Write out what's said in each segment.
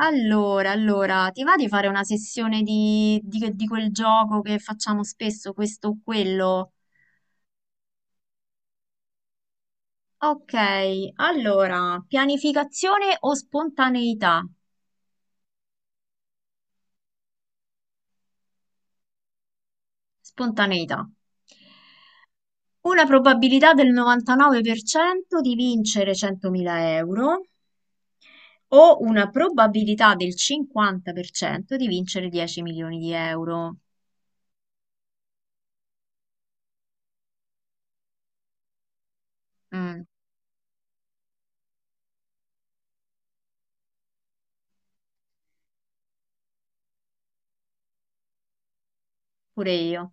Allora, ti va di fare una sessione di quel gioco che facciamo spesso, questo o quello? Ok, allora, pianificazione o spontaneità? Spontaneità. Una probabilità del 99% di vincere 100.000 euro o una probabilità del 50% di vincere 10 milioni di euro. Mm, pure io.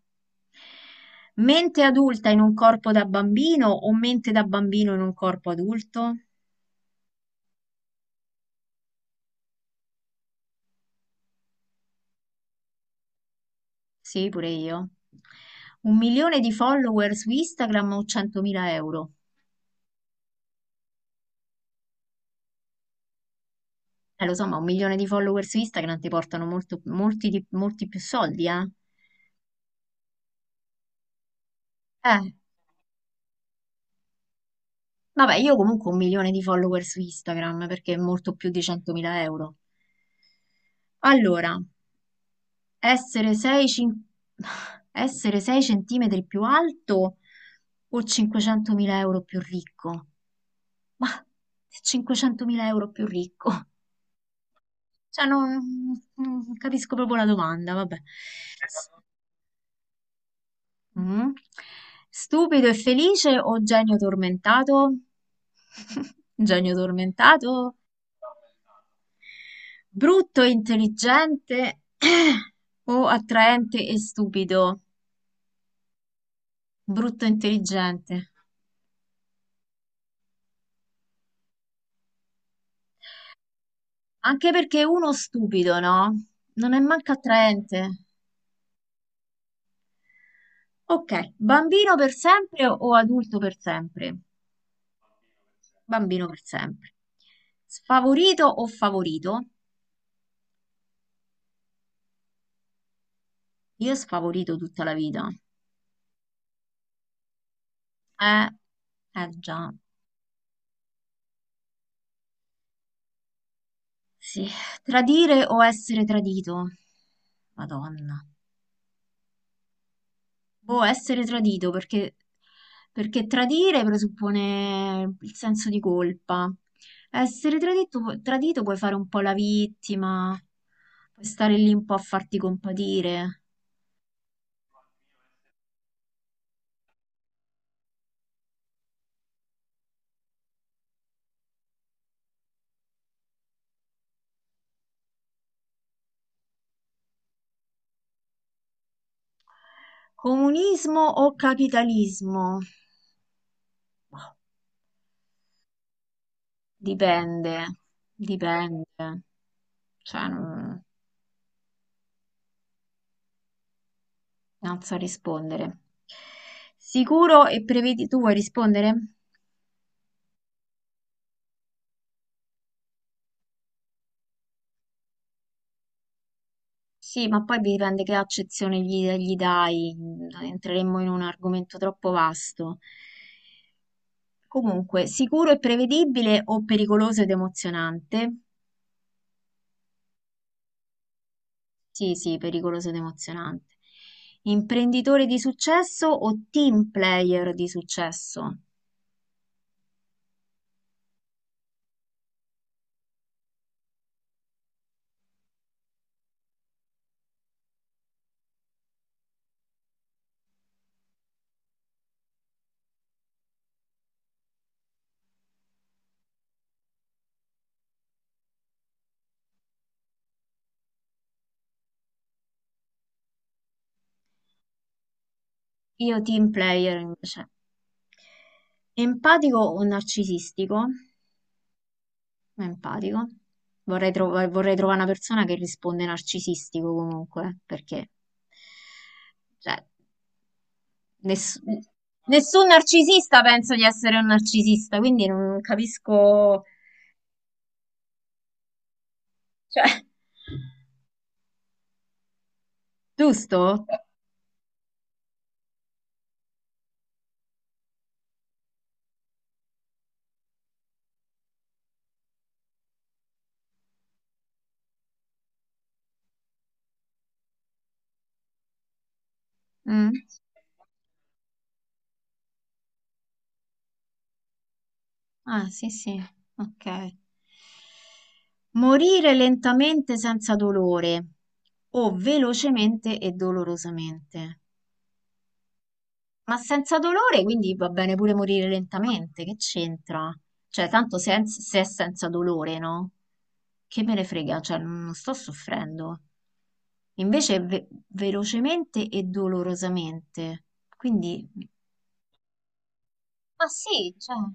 Mente adulta in un corpo da bambino o mente da bambino in un corpo adulto? Sì, pure io. 1 milione di follower su Instagram o 100.000 euro? Lo so, ma 1 milione di follower su Instagram ti portano molti più soldi, eh? Eh, vabbè, io comunque 1 milione di follower su Instagram perché è molto più di 100.000 euro. Allora, essere 6, cin- essere 6 centimetri più alto o 500.000 euro più ricco? Ma 500.000 euro più ricco. Cioè, non capisco proprio la domanda, vabbè. S- mm. Stupido e felice o genio tormentato? Genio tormentato? Brutto e intelligente o attraente e stupido? Brutto e intelligente. Anche perché uno stupido, no? Non è manco attraente. Ok, bambino per sempre o adulto per sempre? Bambino per sempre. Sfavorito o favorito? Io sfavorito tutta la vita. Eh, eh già, sì. Tradire o essere tradito? Madonna. Boh, essere tradito perché tradire presuppone il senso di colpa. Essere tradito puoi fare un po' la vittima, puoi stare lì un po' a farti compatire. Comunismo o capitalismo? Boh. Dipende, dipende, cioè non so rispondere. Tu vuoi rispondere? Sì, ma poi dipende che accezione gli dai, entreremmo in un argomento troppo vasto. Comunque, sicuro e prevedibile o pericoloso ed emozionante? Sì, sì, pericoloso ed emozionante. Imprenditore di successo o team player di successo? Io team player invece. Empatico o narcisistico? Empatico. Vorrei trovare una persona che risponde narcisistico comunque, perché cioè, ness- nessun narcisista penso di essere un narcisista, quindi non capisco... Cioè, giusto? Mm. Ah, sì, sì, ok. Morire lentamente senza dolore o velocemente e dolorosamente. Ma senza dolore, quindi va bene pure morire lentamente, che c'entra? Cioè, tanto se è senza dolore, no? Che me ne frega, cioè, non sto soffrendo. Invece, velocemente e dolorosamente. Quindi, ma sì, cioè, ma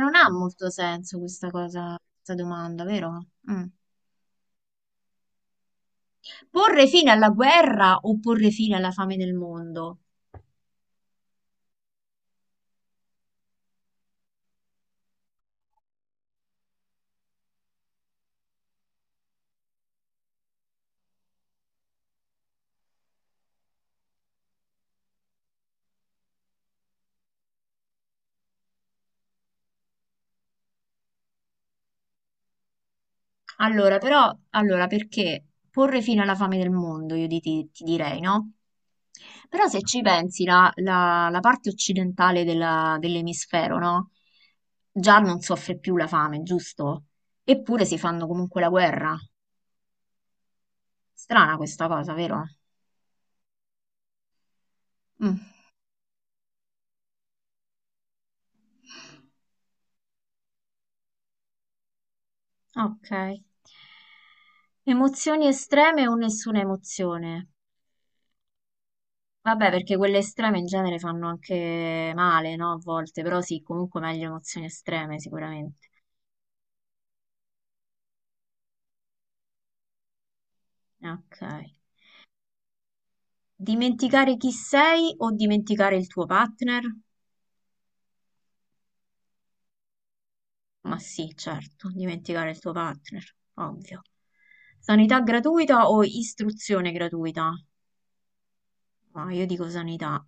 non ha molto senso questa cosa, questa domanda, vero? Mm. Porre fine alla guerra o porre fine alla fame del mondo? Allora, però, allora, perché porre fine alla fame del mondo, io ti direi, no? Però se ci pensi, la parte occidentale dell'emisfero, no? Già non soffre più la fame, giusto? Eppure si fanno comunque la guerra. Strana questa cosa, vero? Mm, ok. Emozioni estreme o nessuna emozione? Vabbè, perché quelle estreme in genere fanno anche male, no? A volte, però sì, comunque meglio emozioni estreme sicuramente. Ok. Dimenticare chi sei o dimenticare il tuo partner? Ma sì, certo, dimenticare il tuo partner, ovvio. Sanità gratuita o istruzione gratuita? Ma io dico sanità,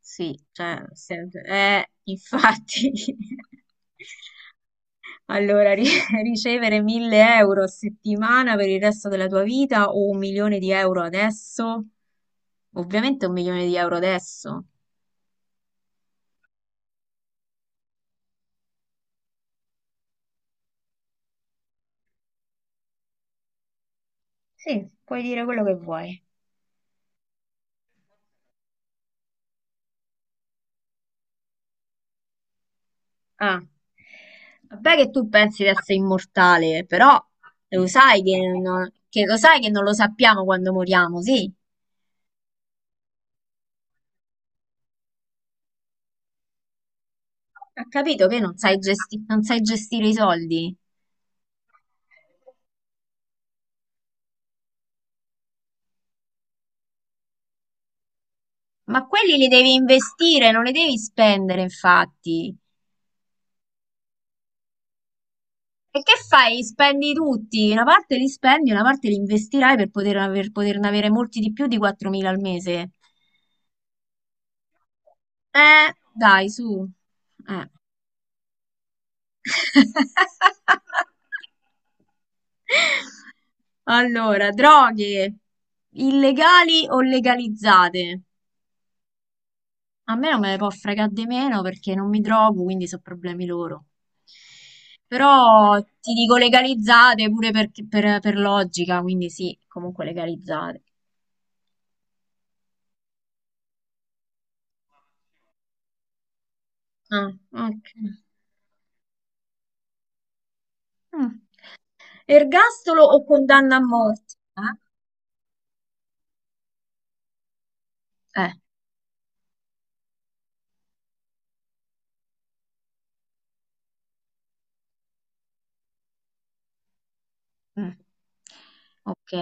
sì, cioè, infatti. Allora, ricevere 1000 euro a settimana per il resto della tua vita o 1 milione di euro adesso? Ovviamente 1 milione di euro adesso. Sì, puoi dire quello che vuoi. Ah, vabbè che tu pensi di essere immortale, però lo sai che non lo sappiamo quando moriamo, sì? Ha capito che non sai gestire i soldi? Ma quelli li devi investire, non li devi spendere, infatti. E che fai? Spendi tutti, una parte li spendi, una parte li investirai per poterne avere molti di più di 4.000 al mese. Dai, su. Eh. Allora, droghe illegali o legalizzate? A me non me ne può fregare di meno perché non mi trovo, quindi sono problemi loro. Però ti dico legalizzate pure per logica, quindi sì, comunque legalizzate. Ah, ok. Mm. Ergastolo o condanna a morte? Eh? Mm. Ok.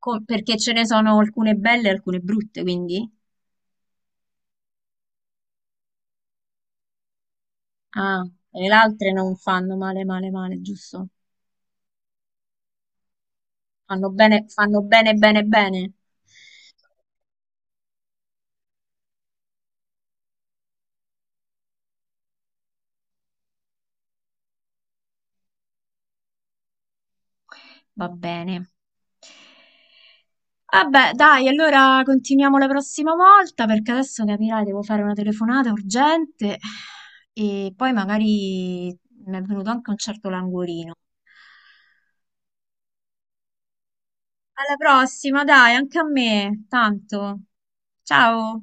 Perché ce ne sono alcune belle e alcune brutte, quindi? Ah, e le altre non fanno male, male, male, giusto? Fanno bene, bene, bene. Va bene. Vabbè, dai, allora continuiamo la prossima volta perché adesso capirai, devo fare una telefonata urgente e poi magari mi è venuto anche un certo languorino. Alla prossima, dai, anche a me, tanto. Ciao.